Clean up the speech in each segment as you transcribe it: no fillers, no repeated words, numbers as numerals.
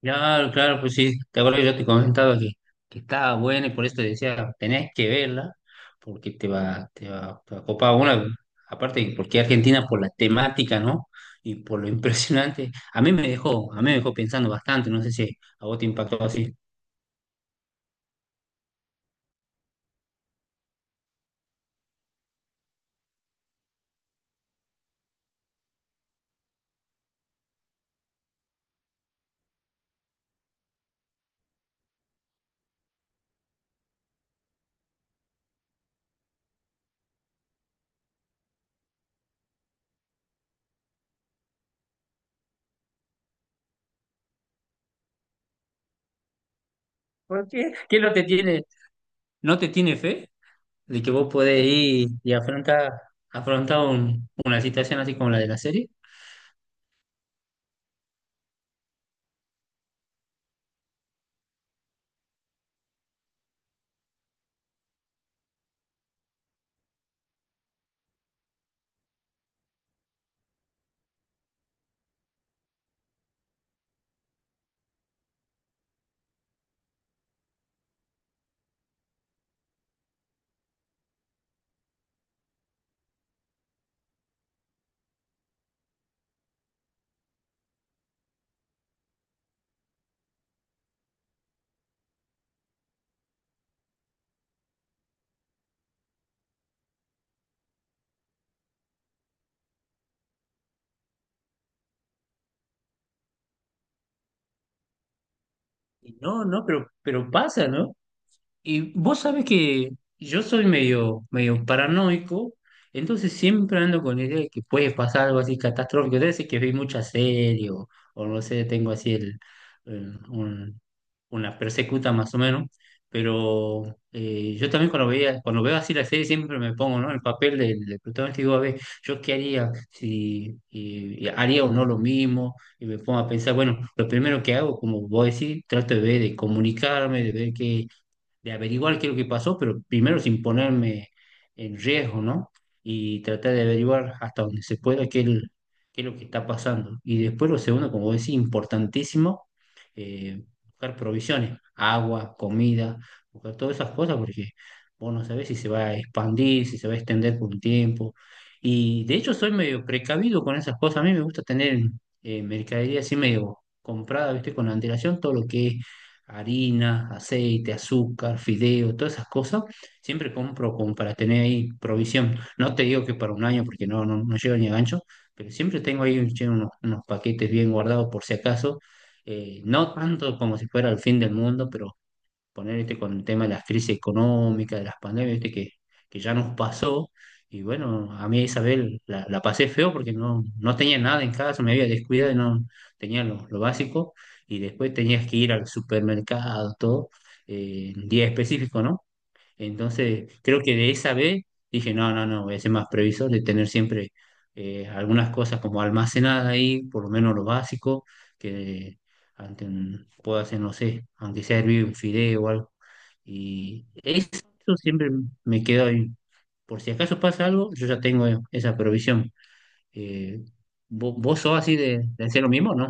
Claro, claro, pues sí, te acuerdas que yo te comentaba que estaba buena y por eso te decía, tenés que verla, porque te va, te va, te va a copar una, aparte porque Argentina por la temática, ¿no? Y por lo impresionante, a mí me dejó, a mí me dejó pensando bastante, no sé si a vos te impactó así. ¿Por qué? ¿Qué no te tiene, no te tiene fe de que vos podés ir y afrontar, afrontar una situación así como la de la serie? Y no, no, pero pasa, ¿no? Y vos sabés que yo soy medio, medio paranoico, entonces siempre ando con la idea de que puede pasar algo así catastrófico. Debe ser que vi mucha serie o no sé, tengo así el, el- un- una persecuta más o menos. Pero yo también cuando veía, cuando veo así la serie siempre me pongo, ¿no?, en el papel del, del protagonista y digo, a ver, ¿yo qué haría? Si y- Y haría o no lo mismo, y me pongo a pensar, bueno, lo primero que hago, como vos decís, trato de ver, de comunicarme, de ver qué de averiguar qué es lo que pasó, pero primero sin ponerme en riesgo, ¿no? Y tratar de averiguar hasta donde se pueda qué es, qué es lo que está pasando. Y después lo segundo, como decía, importantísimo, buscar provisiones, agua, comida, buscar todas esas cosas, porque vos no sabés si se va a expandir, si se va a extender por un tiempo. Y de hecho soy medio precavido con esas cosas. A mí me gusta tener mercadería así medio comprada, ¿viste? Con antelación, todo lo que es harina, aceite, azúcar, fideo, todas esas cosas, siempre compro como para tener ahí provisión. No te digo que para un año porque no, no, no llego ni a gancho, pero siempre tengo ahí che, unos, unos paquetes bien guardados por si acaso. No tanto como si fuera el fin del mundo, pero poner este con el tema de las crisis económicas, de las pandemias, ¿viste? Que ya nos pasó. Y bueno, a mí Isabel la, la pasé feo porque no, no tenía nada en casa, me había descuidado y no tenía lo básico. Y después tenías que ir al supermercado, todo, en día específico, ¿no? Entonces, creo que de esa vez dije, no, no, no, voy a ser más previsor de tener siempre algunas cosas como almacenadas ahí, por lo menos lo básico, que puedo hacer, no sé, aunque sea hervir un fideo o algo. Y eso, siempre me quedo ahí. Por si acaso pasa algo, yo ya tengo esa provisión. Eh, ¿vos sos así de hacer lo mismo, no?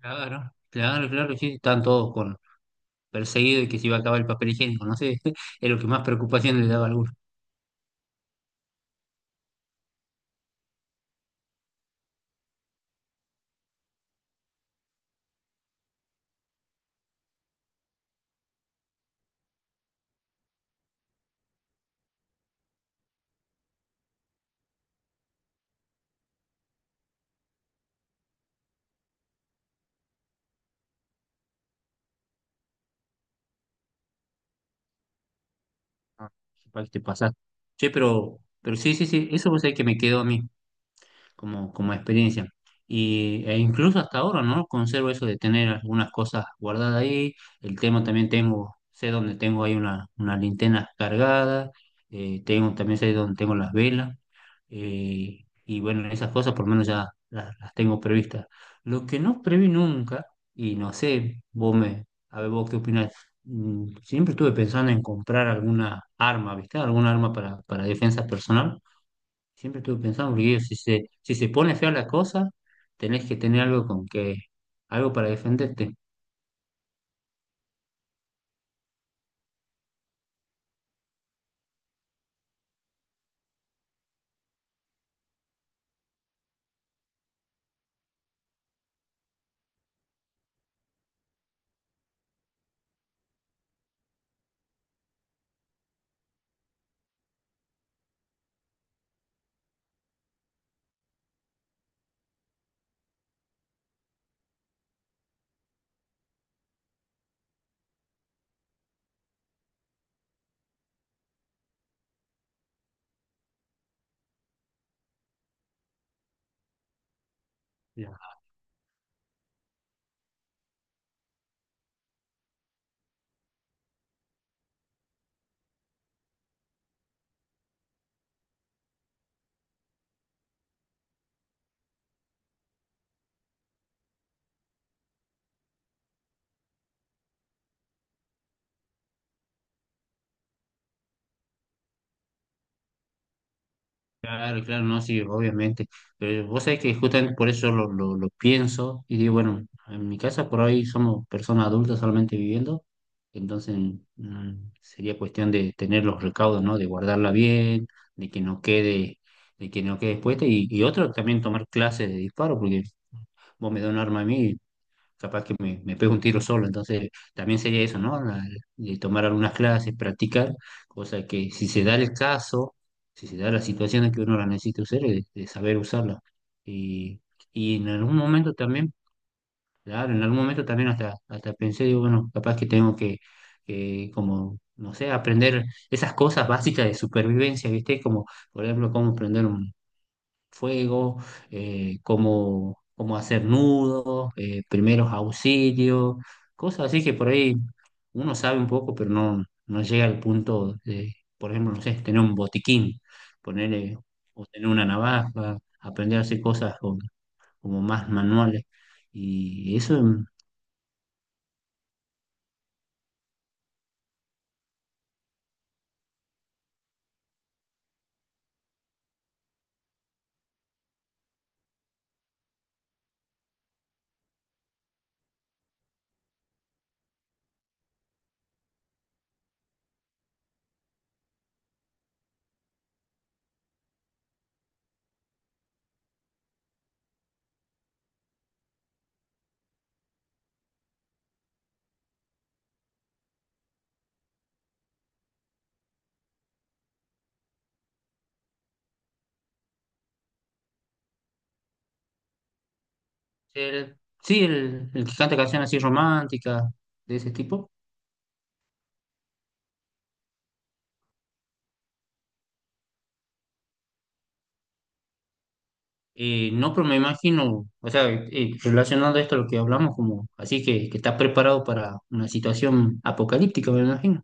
Claro, claro, claro, sí, están todos con perseguidos y que se iba a acabar el papel higiénico, no sé, es lo que más preocupación le daba a algunos. Ah, igual te pasas. Che, pero sí, sí, sí, eso vos sabés que me quedó a mí como, como experiencia. Y, e incluso hasta ahora, ¿no? Conservo eso de tener algunas cosas guardadas ahí. El tema también tengo, sé dónde tengo ahí una linterna cargada, tengo, también sé dónde tengo las velas. eh, y bueno, esas cosas por lo menos ya las tengo previstas. Lo que no preví nunca, y no sé, vos me, a ver vos qué opinás, siempre estuve pensando en comprar alguna arma, ¿viste? Alguna arma para defensa personal. Siempre estuve pensando, porque digo, si se, si se pone fea la cosa, tenés que tener algo con que, algo para defenderte. Ya. Claro, claro, no, sí, obviamente. Pero vos sabés que justamente por eso lo pienso y digo, bueno, en mi casa por ahí somos personas adultas solamente viviendo, entonces mm, sería cuestión de tener los recaudos, ¿no? De guardarla bien, de que no quede, de que no quede expuesta y otro también tomar clases de disparo, porque vos me das un arma a mí capaz que me pego un tiro solo. Entonces, también sería eso, ¿no? De tomar algunas clases, practicar, cosa que si se da el caso, si se da la situación en que uno la necesita usar, es de, saber usarla. Y, y en algún momento también, claro, en algún momento también hasta, hasta pensé, digo, bueno, capaz que tengo que como, no sé, aprender esas cosas básicas de supervivencia, ¿viste? Como, por ejemplo, cómo prender un fuego, cómo, cómo hacer nudos, primeros auxilios, cosas así que por ahí uno sabe un poco, pero no, no llega al punto de, por ejemplo, no sé, tener un botiquín, ponerle o tener una navaja, aprender a hacer cosas como más manuales. Y eso, el- sí, el que canta canciones así románticas, de ese tipo. No, pero me imagino, o sea, relacionando esto a lo que hablamos, como así que estás preparado para una situación apocalíptica, me imagino.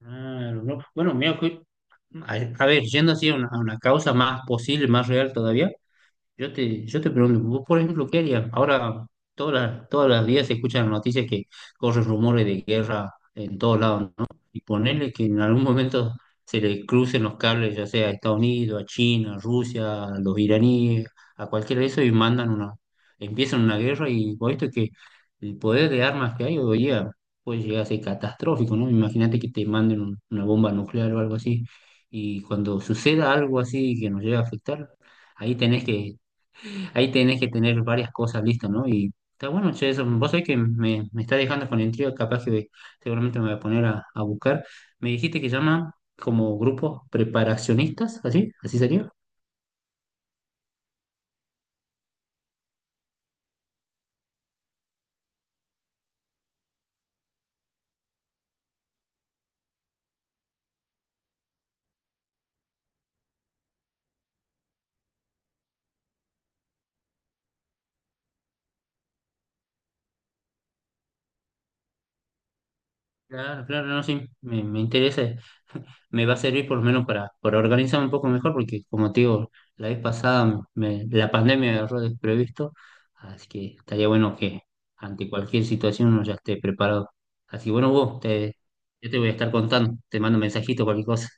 Claro, ¿no? Bueno, mira, que- a, a ver, yendo así a una causa más posible, más real todavía, yo te, yo te pregunto, vos por ejemplo, ¿qué harías? Ahora todas las, todos los días se escuchan en noticias que corren rumores de guerra en todos lados, ¿no? Y ponerle que en algún momento se le crucen los cables, ya sea a Estados Unidos, a China, a Rusia, a los iraníes, a cualquiera de eso y mandan una, empiezan una guerra y vos visto que el poder de armas que hay hoy día puede llegar a ser catastrófico, ¿no? Imagínate que te manden una bomba nuclear o algo así y cuando suceda algo así que nos llegue a afectar ahí tenés que. Ahí tenés que tener varias cosas listas, ¿no? Y está bueno, che, eso. Vos sabés que me está dejando con intriga, capaz que seguramente me voy a poner a buscar. Me dijiste que llaman como grupos preparacionistas, ¿así? ¿Así sería? Claro, claro, no, sí, me interesa. Me va a servir por lo menos para organizarme un poco mejor, porque como te digo, la vez pasada me- la pandemia me agarró desprevisto, así que estaría bueno que ante cualquier situación uno ya esté preparado. Así que bueno, vos, te, yo te voy a estar contando, te mando un mensajito, cualquier cosa.